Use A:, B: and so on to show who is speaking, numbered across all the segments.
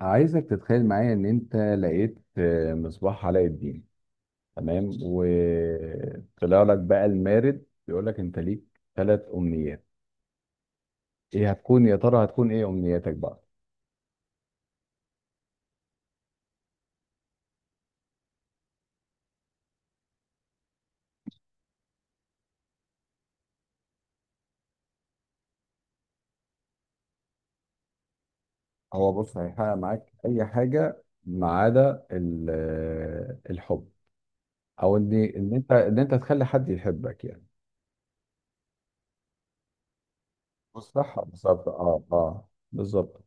A: عايزك تتخيل معايا ان انت لقيت مصباح علاء الدين. تمام، وطلع لك بقى المارد بيقول لك انت ليك ثلاث امنيات. ايه هتكون، يا ترى هتكون ايه امنياتك بقى؟ هو بص، هيحقق معاك اي حاجه ما عدا الحب، او ان انت تخلي حد يحبك يعني. بص، صح، بالظبط، بالظبط.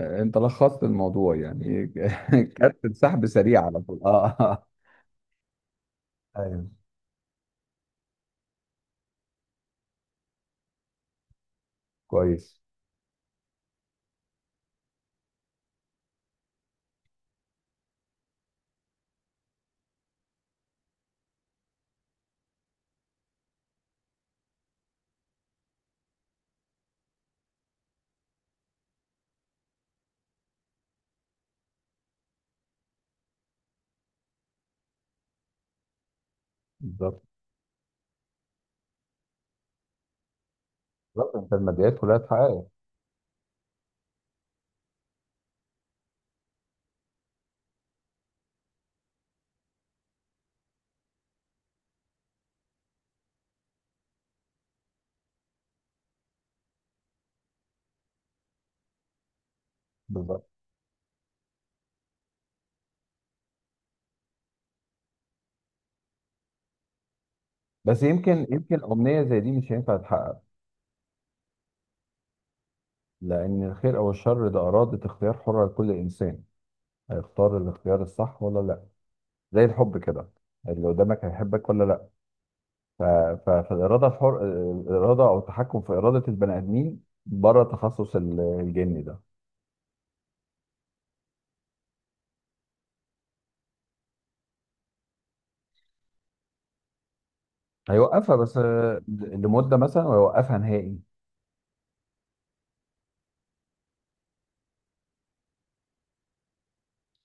A: انت لخصت الموضوع يعني. كانت سحب سريع على طول. ايوه، كويس. بالظبط، بالظبط، انت الماديات كلها اتحققت. بالظبط. بس يمكن امنيه زي دي مش هينفع تتحقق، لان الخير او الشر ده اراده اختيار حره لكل انسان. هيختار الاختيار الصح ولا لا؟ زي الحب كده، اللي قدامك هيحبك ولا لا. ف... فالاراده الحر، الاراده او التحكم في اراده البني ادمين بره تخصص الجني ده. هيوقفها بس لمده مثلا، ويوقفها نهائي.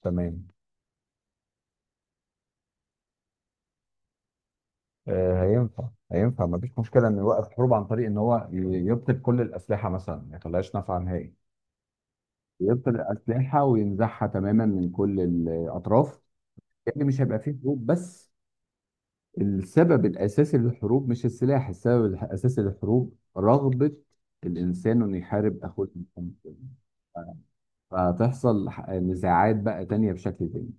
A: تمام. هينفع، هينفع، مفيش مشكله انه يوقف حروب عن طريق ان هو يبطل كل الاسلحه مثلا، ما يخليهاش نافعه نهائي. يبطل الاسلحه وينزعها تماما من كل الاطراف. يعني مش هيبقى فيه حروب، بس السبب الاساسي للحروب مش السلاح، السبب الاساسي للحروب رغبه الانسان انه يحارب اخوه المسلم. فتحصل نزاعات بقى تانية بشكل تاني.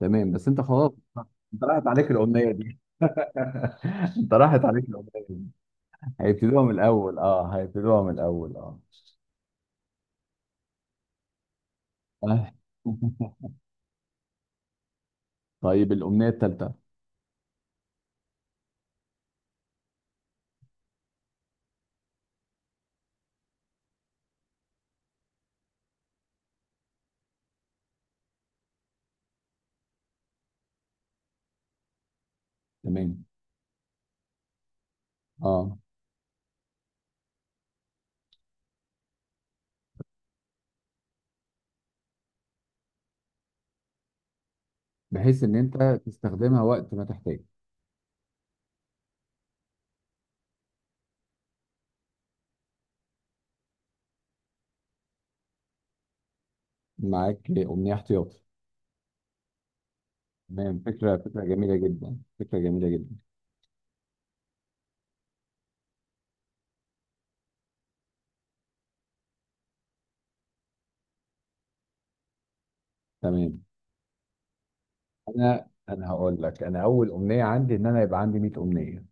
A: تمام، بس انت خلاص، انت راحت عليك الامنيه دي. انت راحت عليك الامنيه. هيبتدوها من الأول، اه، هيبتدوها من الأول، اه. آه. طيب، الأمنية التالتة. تمام. اه بحيث إن أنت تستخدمها وقت ما تحتاج. معاك أمنية احتياطي. تمام، فكرة، فكرة جميلة جدا، فكرة جميلة جدا. تمام. أنا هقول لك، أنا أول أمنية عندي إن أنا يبقى عندي 100 أمنية.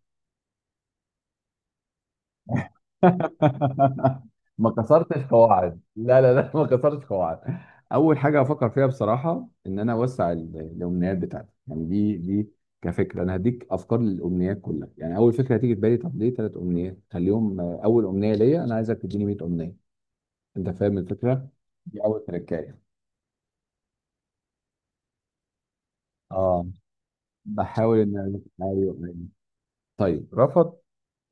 A: ما كسرتش قواعد، لا لا لا، ما كسرتش قواعد. اول حاجه افكر فيها بصراحه ان انا اوسع الامنيات بتاعتي، يعني دي كفكره. انا هديك افكار للامنيات كلها. يعني اول فكره هتيجي في بالي، طب ليه ثلاث امنيات؟ خليهم اول امنيه ليا، انا عايزك تديني 100 امنيه. انت فاهم الفكره؟ دي اول تركايه. اه، بحاول ان ايوه، أيوة. طيب، رفض.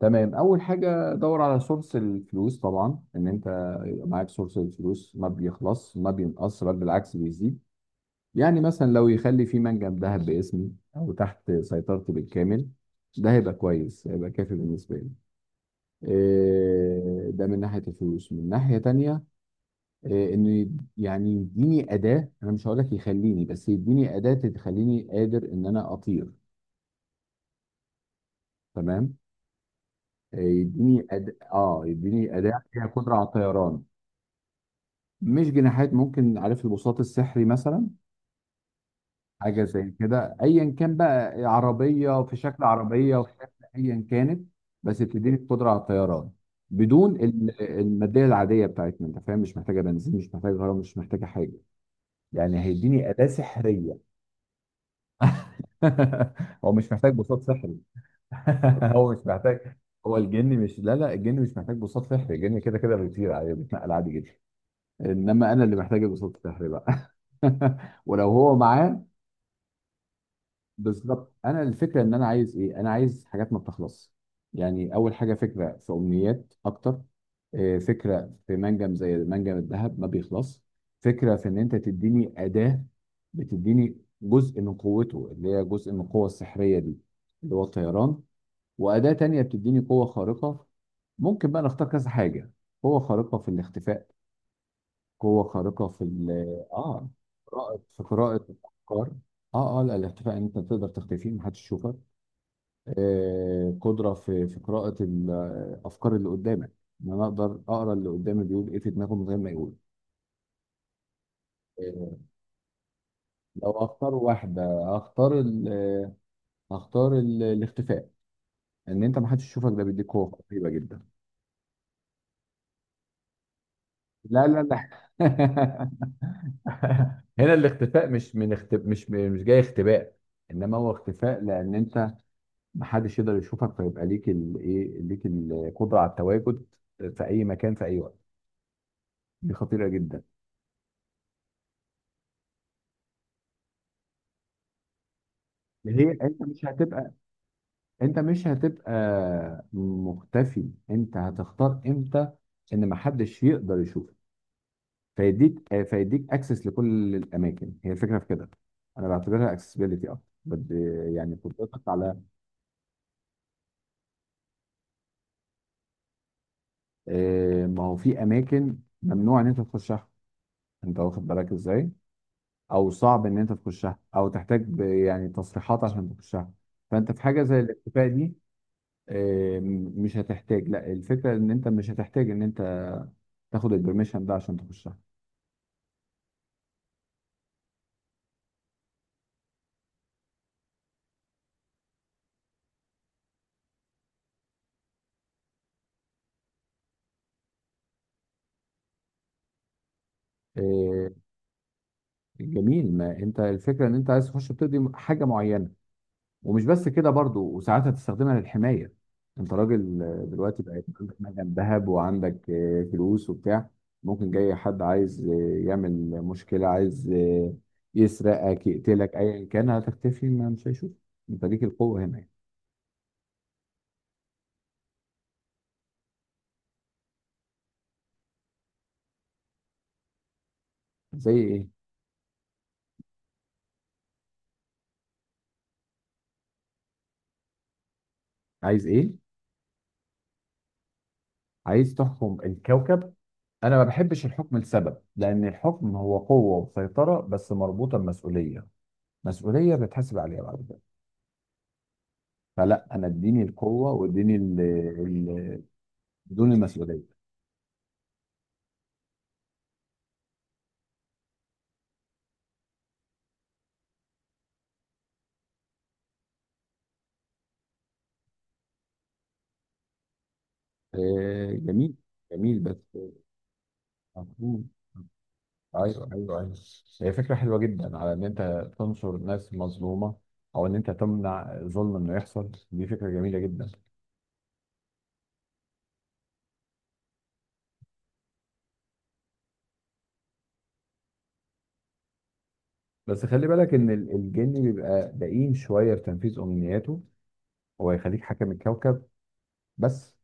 A: تمام، اول حاجه دور على سورس الفلوس طبعا، ان انت يبقى معاك سورس الفلوس ما بيخلص ما بينقص، بل بالعكس بيزيد. يعني مثلا لو يخلي في منجم ذهب باسمي او تحت سيطرتي بالكامل، ده هيبقى كويس، هيبقى كافي بالنسبه لي. ده من ناحيه الفلوس. من ناحيه تانية، ان يعني يديني اداه، انا مش هقول لك يخليني، بس يديني اداه تخليني قادر ان انا اطير. تمام. إيه، يديني أد... اه يديني اداه فيها قدره على الطيران. مش جناحات، ممكن عارف البساط السحري مثلا، حاجه زي كده، ايا كان بقى، عربيه في شكل عربيه وفي شكل ايا كانت، بس بتديني القدره على الطيران بدون الماديه العاديه بتاعتنا، انت فاهم؟ مش محتاجه بنزين، مش محتاجه غرام، مش محتاجه حاجه، يعني هيديني اداه سحريه. هو مش محتاج بساط سحري. هو مش محتاج. هو الجن مش لا لا، الجن مش محتاج بساط سحري، الجن كده كده بيطير عادي، بيتنقل عادي جدا. انما انا اللي محتاج القسط الشهري بقى. ولو هو معاه، بالظبط. انا الفكره ان انا عايز ايه؟ انا عايز حاجات ما بتخلص. يعني اول حاجه، فكره في امنيات اكتر. فكره في منجم زي منجم الذهب ما بيخلص. فكره في ان انت تديني اداه، بتديني جزء من قوته اللي هي جزء من القوه السحريه دي، اللي هو الطيران. واداه تانية بتديني قوه خارقه. ممكن بقى نختار كذا حاجه. قوه خارقه في الاختفاء، قوة خارقة في ال اه قراءة في قراءة الأفكار. اه لا، الاختفاء ان انت تقدر تختفي، محدش يشوفك. قدرة في قراءة الأفكار اللي قدامك، ان انا اقدر اقرا اللي قدامي بيقول ايه في دماغه من غير ما يقول. آه لو اختار واحدة، هختار ال آه، هختار ال- الاختفاء. ان انت محدش يشوفك، ده بيديك قوة رهيبة جدا. لا لا لا. هنا الاختفاء مش جاي اختباء، انما هو اختفاء لان انت محدش يقدر يشوفك، فيبقى ليك الايه، ليك القدره على التواجد في اي مكان في اي وقت. دي خطيره جدا. هي انت مش هتبقى، انت مش هتبقى مختفي، انت هتختار امتى ان محدش يقدر يشوفك. فيديك اكسس لكل الاماكن، هي الفكره في كده. انا بعتبرها اكسسبيليتي اكتر يعني قدرتك على، ما هو في اماكن ممنوع ان انت تخشها، انت واخد بالك ازاي، او صعب ان انت تخشها، او تحتاج يعني تصريحات عشان تخشها. فانت في حاجه زي الاختفاء دي مش هتحتاج، لا، الفكره ان انت مش هتحتاج ان انت تاخد البرميشن ده عشان تخشها. آه، جميل، ما انت الفكره ان انت عايز تخش بتقضي حاجه معينه، ومش بس كده برضو، وساعات هتستخدمها للحماية. انت راجل دلوقتي بقى، يبقى عندك مجال ذهب، وعندك فلوس وبتاع، ممكن جاي حد عايز يعمل مشكلة، عايز يسرقك، يقتلك، ايا كان، هتختفي ما مش هيشوف، انت ليك القوة هنا يعني. زي ايه؟ عايز ايه؟ عايز تحكم الكوكب. انا ما بحبش الحكم لسبب، لان الحكم هو قوة وسيطرة بس مربوطة بمسؤولية، مسؤولية بتحاسب عليها بعد كده. فلا، انا اديني القوة واديني ال- بدون المسؤوليه. جميل، جميل، بس مفهوم. ايوه، ايوه، ايوه، هي فكره حلوه جدا على ان انت تنصر ناس مظلومه، او ان انت تمنع ظلم انه يحصل، دي فكره جميله جدا. بس خلي بالك ان الجن بيبقى دقيق شويه في تنفيذ امنياته. هو يخليك حاكم الكوكب بس،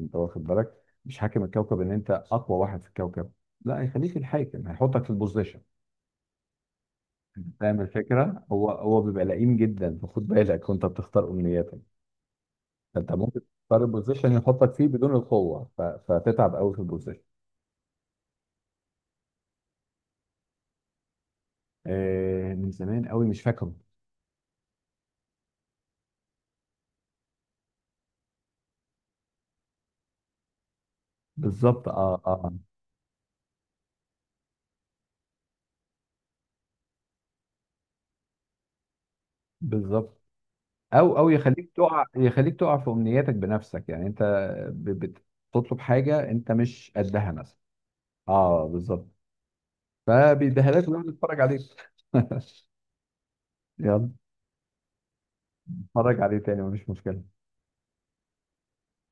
A: انت واخد بالك؟ مش حاكم الكوكب ان انت اقوى واحد في الكوكب، لا، هيخليك الحاكم، هيحطك في البوزيشن. فاهم الفكره؟ هو بيبقى لئيم جدا، فخد بالك وانت بتختار امنياتك. فانت ممكن تختار البوزيشن يحطك فيه بدون القوه، فتتعب قوي في البوزيشن. آه، من زمان قوي، مش فاكره. بالظبط، بالظبط. او يخليك تقع، يخليك تقع في امنياتك بنفسك، يعني انت ب- بتطلب حاجه انت مش قدها مثلا. اه، بالظبط. فبيديها لك ويقعد يتفرج عليك. يلا، اتفرج عليه تاني، مفيش مشكله.